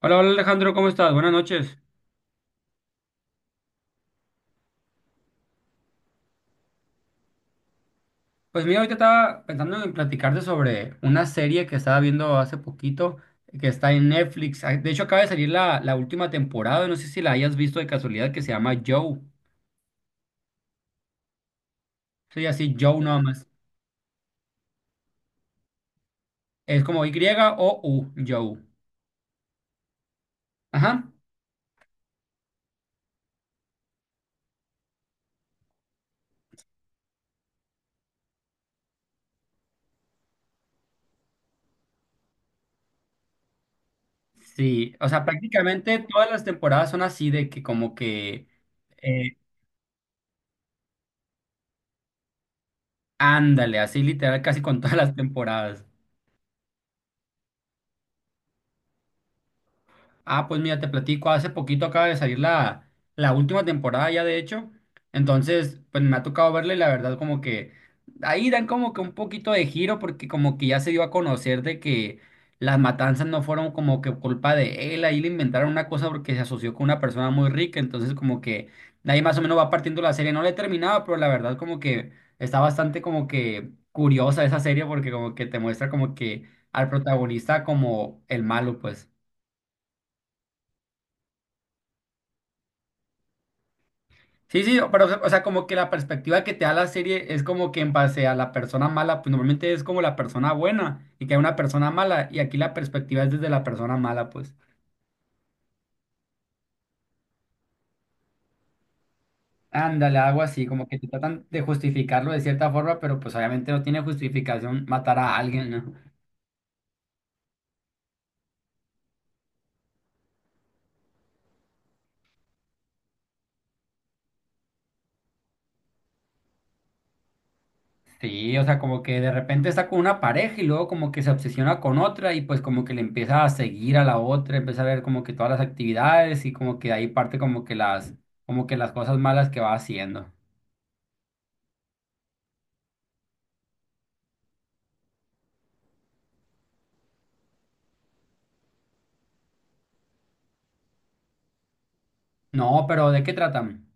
Hola, hola Alejandro, ¿cómo estás? Buenas noches. Pues mira, ahorita estaba pensando en platicarte sobre una serie que estaba viendo hace poquito, que está en Netflix. De hecho, acaba de salir la última temporada, no sé si la hayas visto de casualidad, que se llama Joe. Soy así, Joe nada más. Es como Y-O-U, Joe. Ajá. Sí, o sea, prácticamente todas las temporadas son así de que como que, eh, ándale, así literal, casi con todas las temporadas. Ah, pues mira, te platico, hace poquito acaba de salir la última temporada ya de hecho, entonces pues me ha tocado verla y la verdad como que ahí dan como que un poquito de giro porque como que ya se dio a conocer de que las matanzas no fueron como que culpa de él, ahí le inventaron una cosa porque se asoció con una persona muy rica, entonces como que de ahí más o menos va partiendo la serie, no la he terminado, pero la verdad como que está bastante como que curiosa esa serie porque como que te muestra como que al protagonista como el malo pues. Sí, sí, pero o sea, como que la perspectiva que te da la serie es como que en base a la persona mala, pues normalmente es como la persona buena y que hay una persona mala y aquí la perspectiva es desde la persona mala, pues. Ándale, algo así, como que te tratan de justificarlo de cierta forma, pero pues obviamente no tiene justificación matar a alguien, ¿no? Sí, o sea, como que de repente está con una pareja y luego como que se obsesiona con otra y pues como que le empieza a seguir a la otra, empieza a ver como que todas las actividades y como que de ahí parte como que como que las cosas malas que va haciendo. No, pero ¿de qué tratan?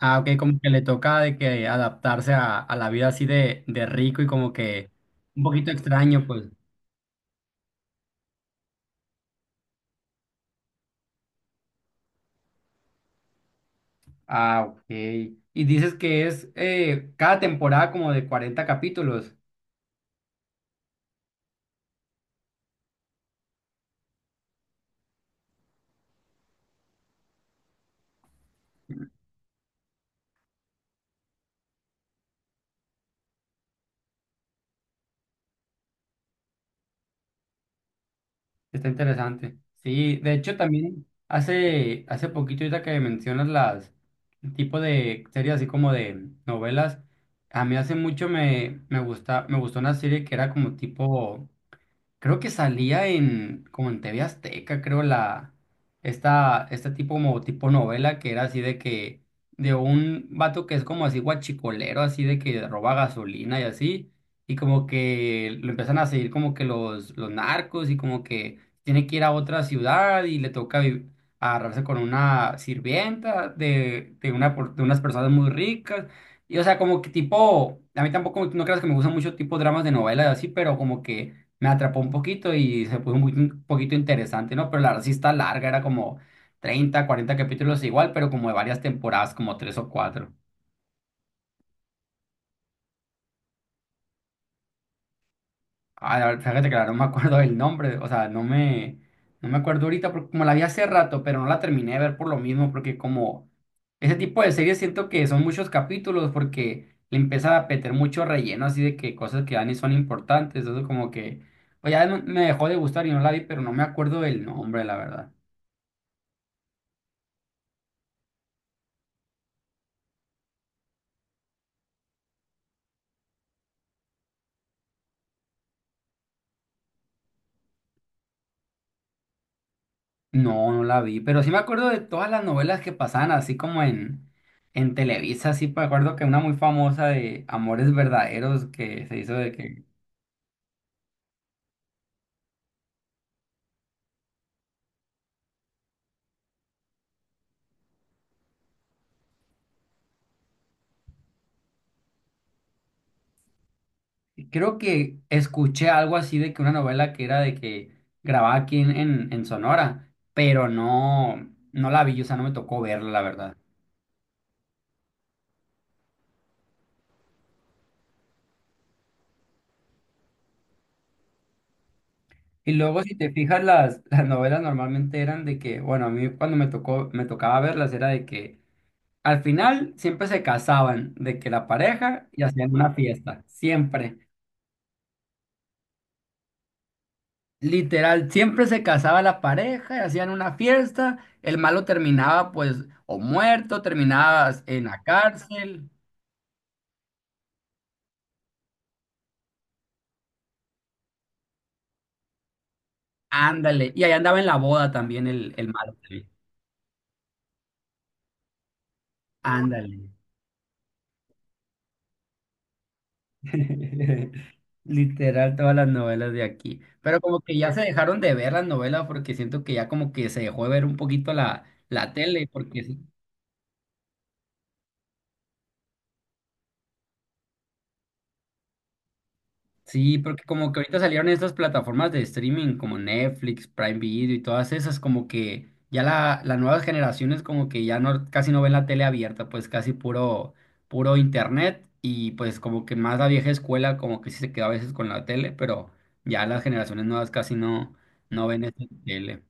Ah, ok, como que le toca de que adaptarse a la vida así de rico y como que un poquito extraño, pues. Ah, ok. Y dices que es cada temporada como de 40 capítulos. Está interesante. Sí, de hecho también hace poquito ahorita que mencionas las el tipo de series así como de novelas, a mí hace mucho me gusta, me gustó una serie que era como tipo. Creo que salía en, como en TV Azteca, creo, este tipo como tipo novela que era así de que, de un vato que es como así guachicolero, así de que roba gasolina y así, y como que lo empiezan a seguir como que los narcos y como que tiene que ir a otra ciudad y le toca agarrarse con una sirvienta una, de unas personas muy ricas. Y o sea, como que tipo, a mí tampoco, no creas que me gustan mucho tipo dramas de novelas y así, pero como que me atrapó un poquito y se puso muy- un poquito interesante, ¿no? Pero la verdad sí está larga, era como 30 40 capítulos igual, pero como de varias temporadas, como tres o cuatro. Ah, la verdad, fíjate que ahora no me acuerdo del nombre, o sea, no me acuerdo ahorita, porque como la vi hace rato, pero no la terminé de ver por lo mismo, porque como ese tipo de series siento que son muchos capítulos, porque le empieza a meter mucho relleno, así de que cosas que dan y son importantes, entonces como que, pues me dejó de gustar y no la vi, pero no me acuerdo del nombre, la verdad. No, no la vi, pero sí me acuerdo de todas las novelas que pasaban así como en Televisa, sí me acuerdo que una muy famosa de Amores Verdaderos que se hizo de que, creo que escuché algo así de que una novela que era de que grababa aquí en Sonora, pero no, no la vi, o sea, no me tocó verla, la verdad. Y luego si te fijas, las novelas normalmente eran de que, bueno, a mí cuando me tocó, me tocaba verlas era de que. Al final siempre se casaban de que la pareja y hacían una fiesta, siempre. Literal, siempre se casaba la pareja y hacían una fiesta. El malo terminaba pues o muerto, terminaba en la cárcel. Ándale. Y ahí andaba en la boda también el malo también. Ándale. Literal, todas las novelas de aquí. Pero como que ya se dejaron de ver las novelas porque siento que ya como que se dejó de ver un poquito la tele porque sí. Sí, porque como que ahorita salieron estas plataformas de streaming como Netflix, Prime Video y todas esas, como que ya las nuevas generaciones como que ya no, casi no ven la tele abierta, pues casi puro internet y pues como que más la vieja escuela como que sí se queda a veces con la tele, pero ya las generaciones nuevas casi no, no ven esa tele.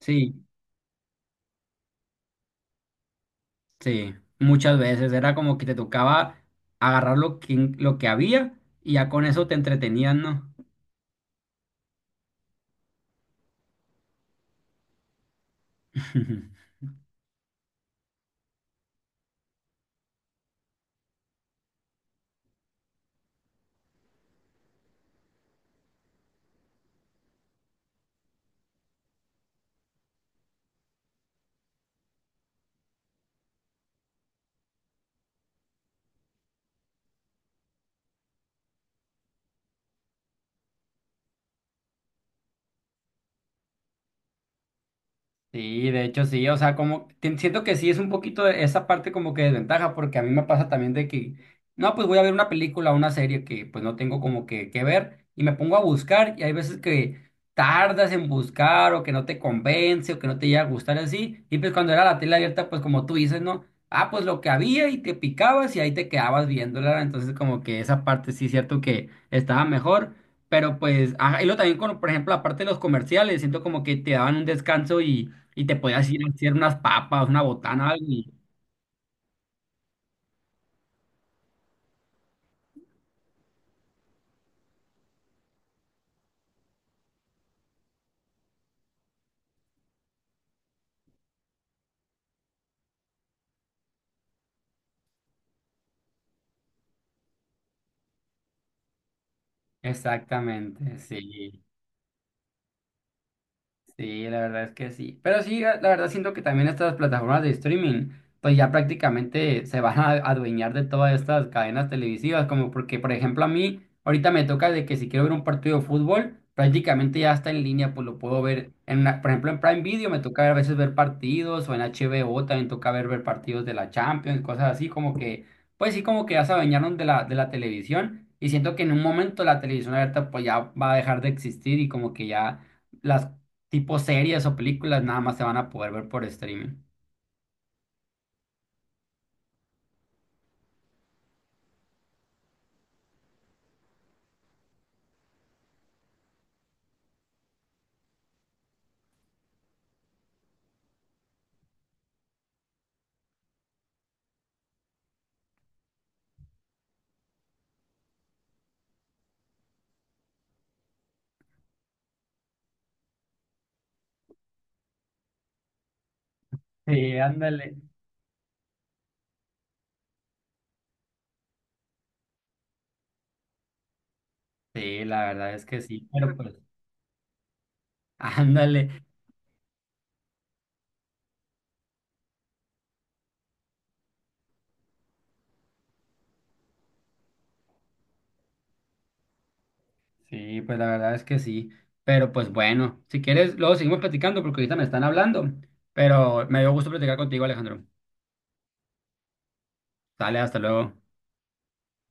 Sí, sí, muchas veces era como que te tocaba agarrar lo que había y ya con eso te entretenían, ¿no? Sí, de hecho sí, o sea, como siento que sí es un poquito de esa parte como que desventaja, porque a mí me pasa también de que, no, pues voy a ver una película o una serie que pues no tengo como que ver y me pongo a buscar y hay veces que tardas en buscar o que no te convence o que no te llega a gustar así y pues cuando era la tele abierta pues como tú dices, ¿no? Ah, pues lo que había y te picabas y ahí te quedabas viéndola, entonces como que esa parte sí es cierto que estaba mejor. Pero pues, ajá, y lo también con, por ejemplo, la parte de los comerciales, siento como que te daban un descanso y te podías ir a hacer unas papas, una botana, algo. Y- Exactamente, sí. Sí, la verdad es que sí. Pero sí, la verdad siento que también estas plataformas de streaming, pues ya prácticamente se van a adueñar de todas estas cadenas televisivas, como porque, por ejemplo, a mí ahorita me toca de que si quiero ver un partido de fútbol, prácticamente ya está en línea, pues lo puedo ver en una- por ejemplo, en Prime Video me toca a veces ver partidos o en HBO también toca ver partidos de la Champions, cosas así, como que, pues sí, como que ya se adueñaron de la televisión y siento que en un momento la televisión abierta pues ya va a dejar de existir y como que ya las tipo series o películas nada más se van a poder ver por streaming. Sí, ándale. Sí, la verdad es que sí, pero pues, ándale. Sí, pues la verdad es que sí. Pero pues bueno, si quieres, luego seguimos platicando porque ahorita me están hablando. Pero me dio gusto platicar contigo, Alejandro. Dale, hasta luego.